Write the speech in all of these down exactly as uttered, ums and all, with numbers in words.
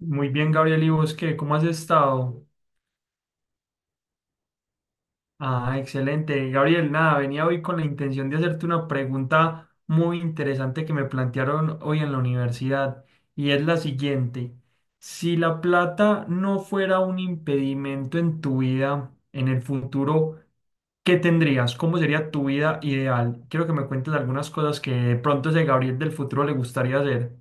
Muy bien, Gabriel, ¿y vos qué? ¿Cómo has estado? Ah, excelente. Gabriel, nada, venía hoy con la intención de hacerte una pregunta muy interesante que me plantearon hoy en la universidad y es la siguiente. Si la plata no fuera un impedimento en tu vida, en el futuro, ¿qué tendrías? ¿Cómo sería tu vida ideal? Quiero que me cuentes algunas cosas que de pronto ese Gabriel del futuro le gustaría hacer.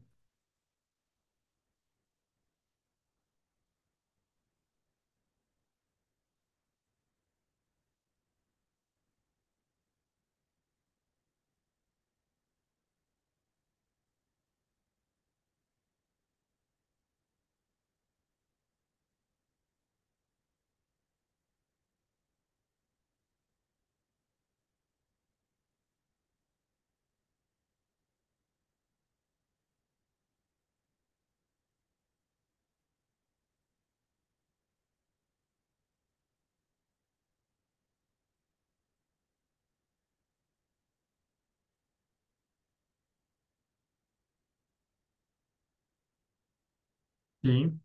Sí.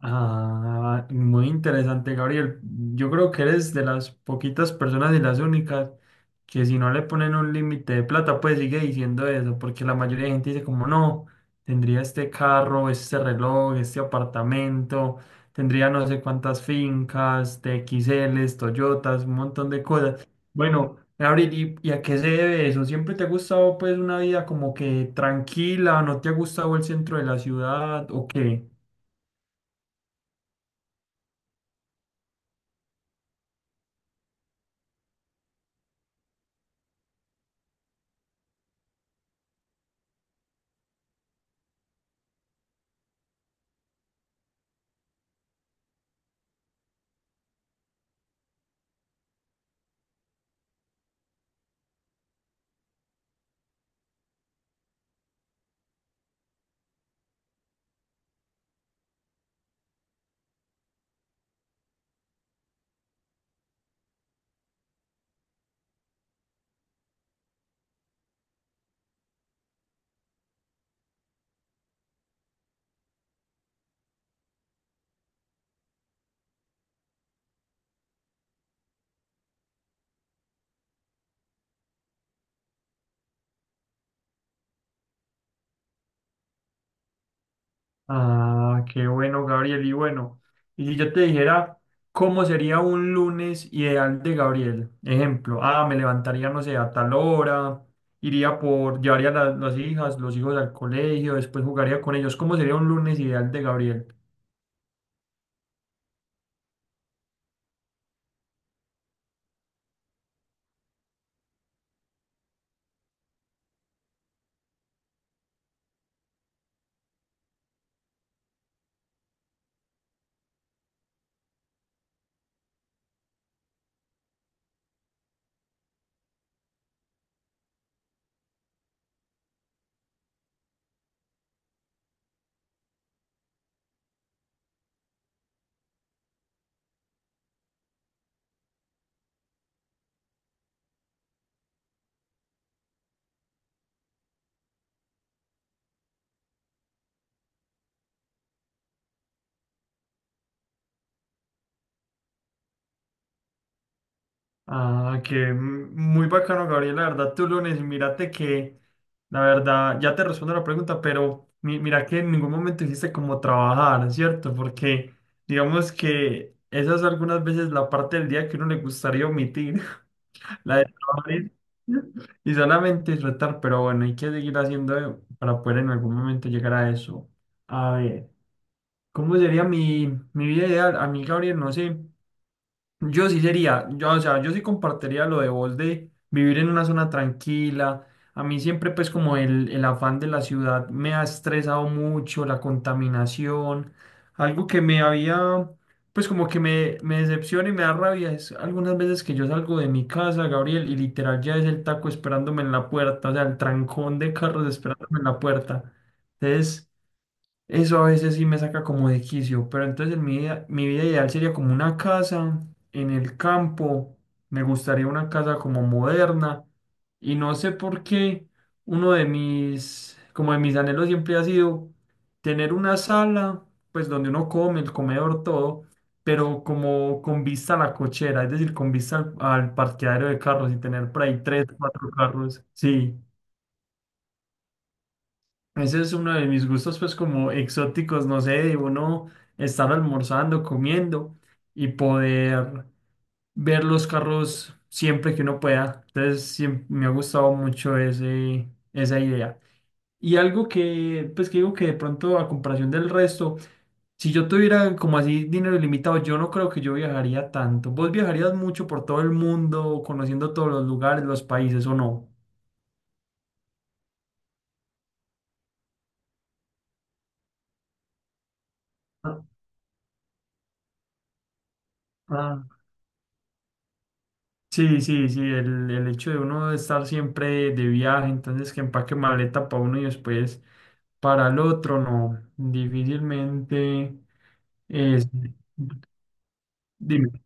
Ah, muy interesante, Gabriel. Yo creo que eres de las poquitas personas y las únicas que si no le ponen un límite de plata, pues sigue diciendo eso, porque la mayoría de gente dice como no, tendría este carro, este reloj, este apartamento, tendría no sé cuántas fincas, T X Ls, Toyotas, un montón de cosas. Bueno, Gabriel, ¿y, y a qué se debe eso? ¿Siempre te ha gustado pues una vida como que tranquila, no te ha gustado el centro de la ciudad o qué? Ah, qué bueno, Gabriel. Y bueno, y si yo te dijera cómo sería un lunes ideal de Gabriel, ejemplo, ah, me levantaría, no sé, a tal hora, iría por, llevaría la- las hijas, los hijos al colegio, después jugaría con ellos. ¿Cómo sería un lunes ideal de Gabriel? Ah, que m- muy bacano, Gabriel. La verdad, tú lunes, mírate que, la verdad, ya te respondo la pregunta, pero mi- mira que en ningún momento hiciste como trabajar, ¿cierto? Porque digamos que esa es algunas veces la parte del día que uno le gustaría omitir, la de trabajar y y solamente disfrutar, pero bueno, hay que seguir haciendo para poder en algún momento llegar a eso. A ver, ¿cómo sería mi, mi vida ideal? A mí, Gabriel, no sé. Yo sí sería, yo, o sea, yo sí compartiría lo de vos de vivir en una zona tranquila. A mí siempre pues como el, el afán de la ciudad me ha estresado mucho, la contaminación, algo que me había, pues como que me, me decepciona y me da rabia es algunas veces que yo salgo de mi casa, Gabriel, y literal ya es el taco esperándome en la puerta, o sea, el trancón de carros esperándome en la puerta. Entonces... Eso a veces sí me saca como de quicio, pero entonces en mi vida, mi vida ideal sería como una casa en el campo, me gustaría una casa como moderna y no sé por qué uno de mis, como de mis anhelos siempre ha sido tener una sala, pues donde uno come, el comedor, todo, pero como con vista a la cochera, es decir, con vista al, al parqueadero de carros y tener por ahí tres, cuatro carros, sí. Ese es uno de mis gustos, pues como exóticos, no sé, de uno estar almorzando, comiendo y poder ver los carros siempre que uno pueda. Entonces, siem- me ha gustado mucho ese, esa idea. Y algo que, pues que digo que de pronto a comparación del resto, si yo tuviera como así dinero ilimitado, yo no creo que yo viajaría tanto. ¿Vos viajarías mucho por todo el mundo, conociendo todos los lugares, los países o no? Ah, ah. Sí, sí, sí, el, el hecho de uno estar siempre de viaje, entonces que empaque maleta para uno y después para el otro, no, difícilmente es, dime,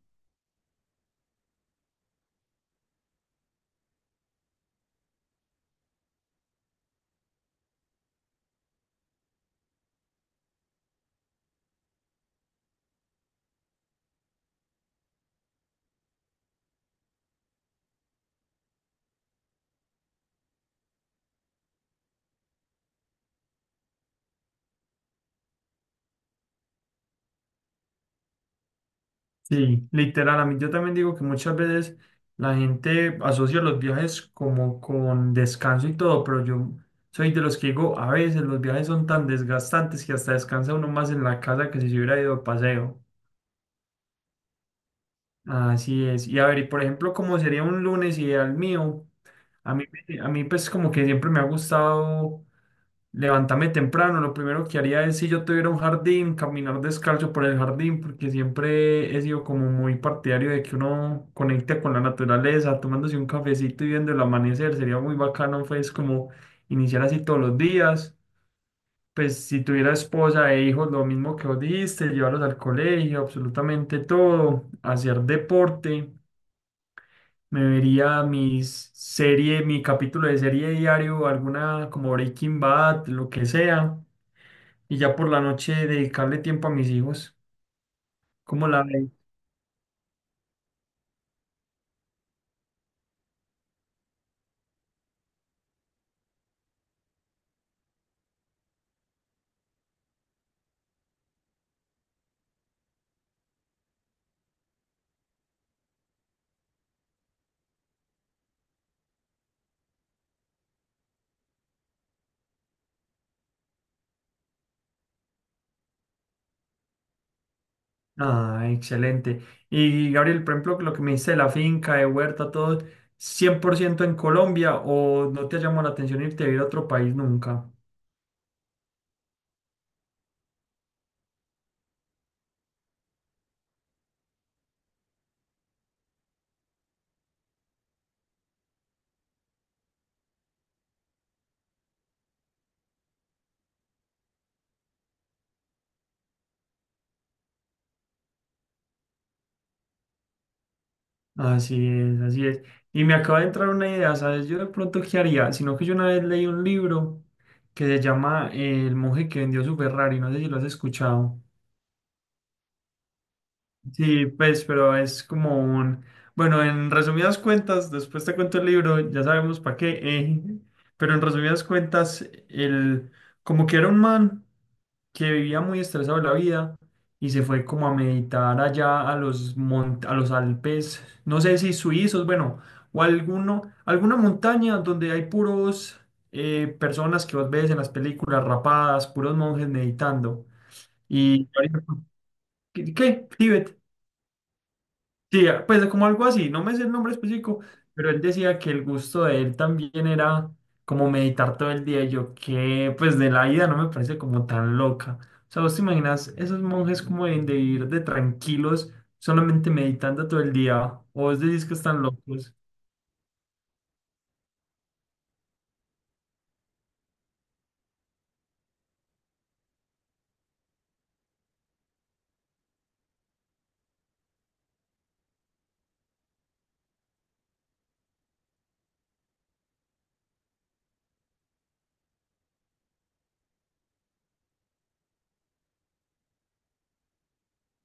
sí, literal, a mí yo también digo que muchas veces la gente asocia los viajes como con descanso y todo, pero yo soy de los que digo, a veces los viajes son tan desgastantes que hasta descansa uno más en la casa que si se hubiera ido de paseo. Así es. Y a ver, y por ejemplo, ¿cómo sería un lunes ideal mío? A mí, me- a mí pues como que siempre me ha gustado levantarme temprano. Lo primero que haría es si yo tuviera un jardín, caminar descalzo por el jardín, porque siempre he sido como muy partidario de que uno conecte con la naturaleza, tomándose un cafecito y viendo el amanecer. Sería muy bacano pues como iniciar así todos los días. Pues si tuviera esposa e hijos, lo mismo que vos dijiste, llevarlos al colegio, absolutamente todo, hacer deporte. Me vería mis serie, mi capítulo de serie diario, alguna como Breaking Bad, lo que sea, y ya por la noche dedicarle tiempo a mis hijos. ¿Cómo la ve? Ah, excelente. Y Gabriel, por ejemplo, lo que me dice de la finca, de huerta, todo, cien por ciento en Colombia o no te ha llamado la atención irte a vivir a otro país nunca. Así es, así es. Y me acaba de entrar una idea, ¿sabes? Yo de pronto, ¿qué haría? Sino que yo una vez leí un libro que se llama eh, El monje que vendió su Ferrari, no sé si lo has escuchado. Sí, pues, pero es como un... Bueno, en resumidas cuentas, después te cuento el libro, ya sabemos para qué, eh, pero en resumidas cuentas, el... como que era un man que vivía muy estresado de la vida y se fue como a meditar allá a los, mont- a los Alpes, no sé si suizos, bueno, o alguno, alguna montaña donde hay puros eh, personas que vos ves en las películas rapadas, puros monjes meditando. ¿Y ¿qué? ¿Tíbet? Sí, ah, pues como algo así, no me sé el nombre específico, pero él decía que el gusto de él también era como meditar todo el día. Y yo que pues de la vida no me parece como tan loca. O sea, vos te imaginas esos monjes como de, de ir de tranquilos solamente meditando todo el día, o vos decís que están locos.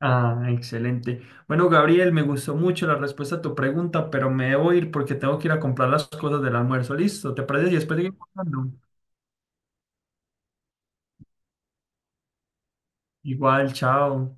Ah, excelente. Bueno, Gabriel, me gustó mucho la respuesta a tu pregunta, pero me debo ir porque tengo que ir a comprar las cosas del almuerzo. Listo, ¿te parece? Y después seguimos hablando. Igual, chao.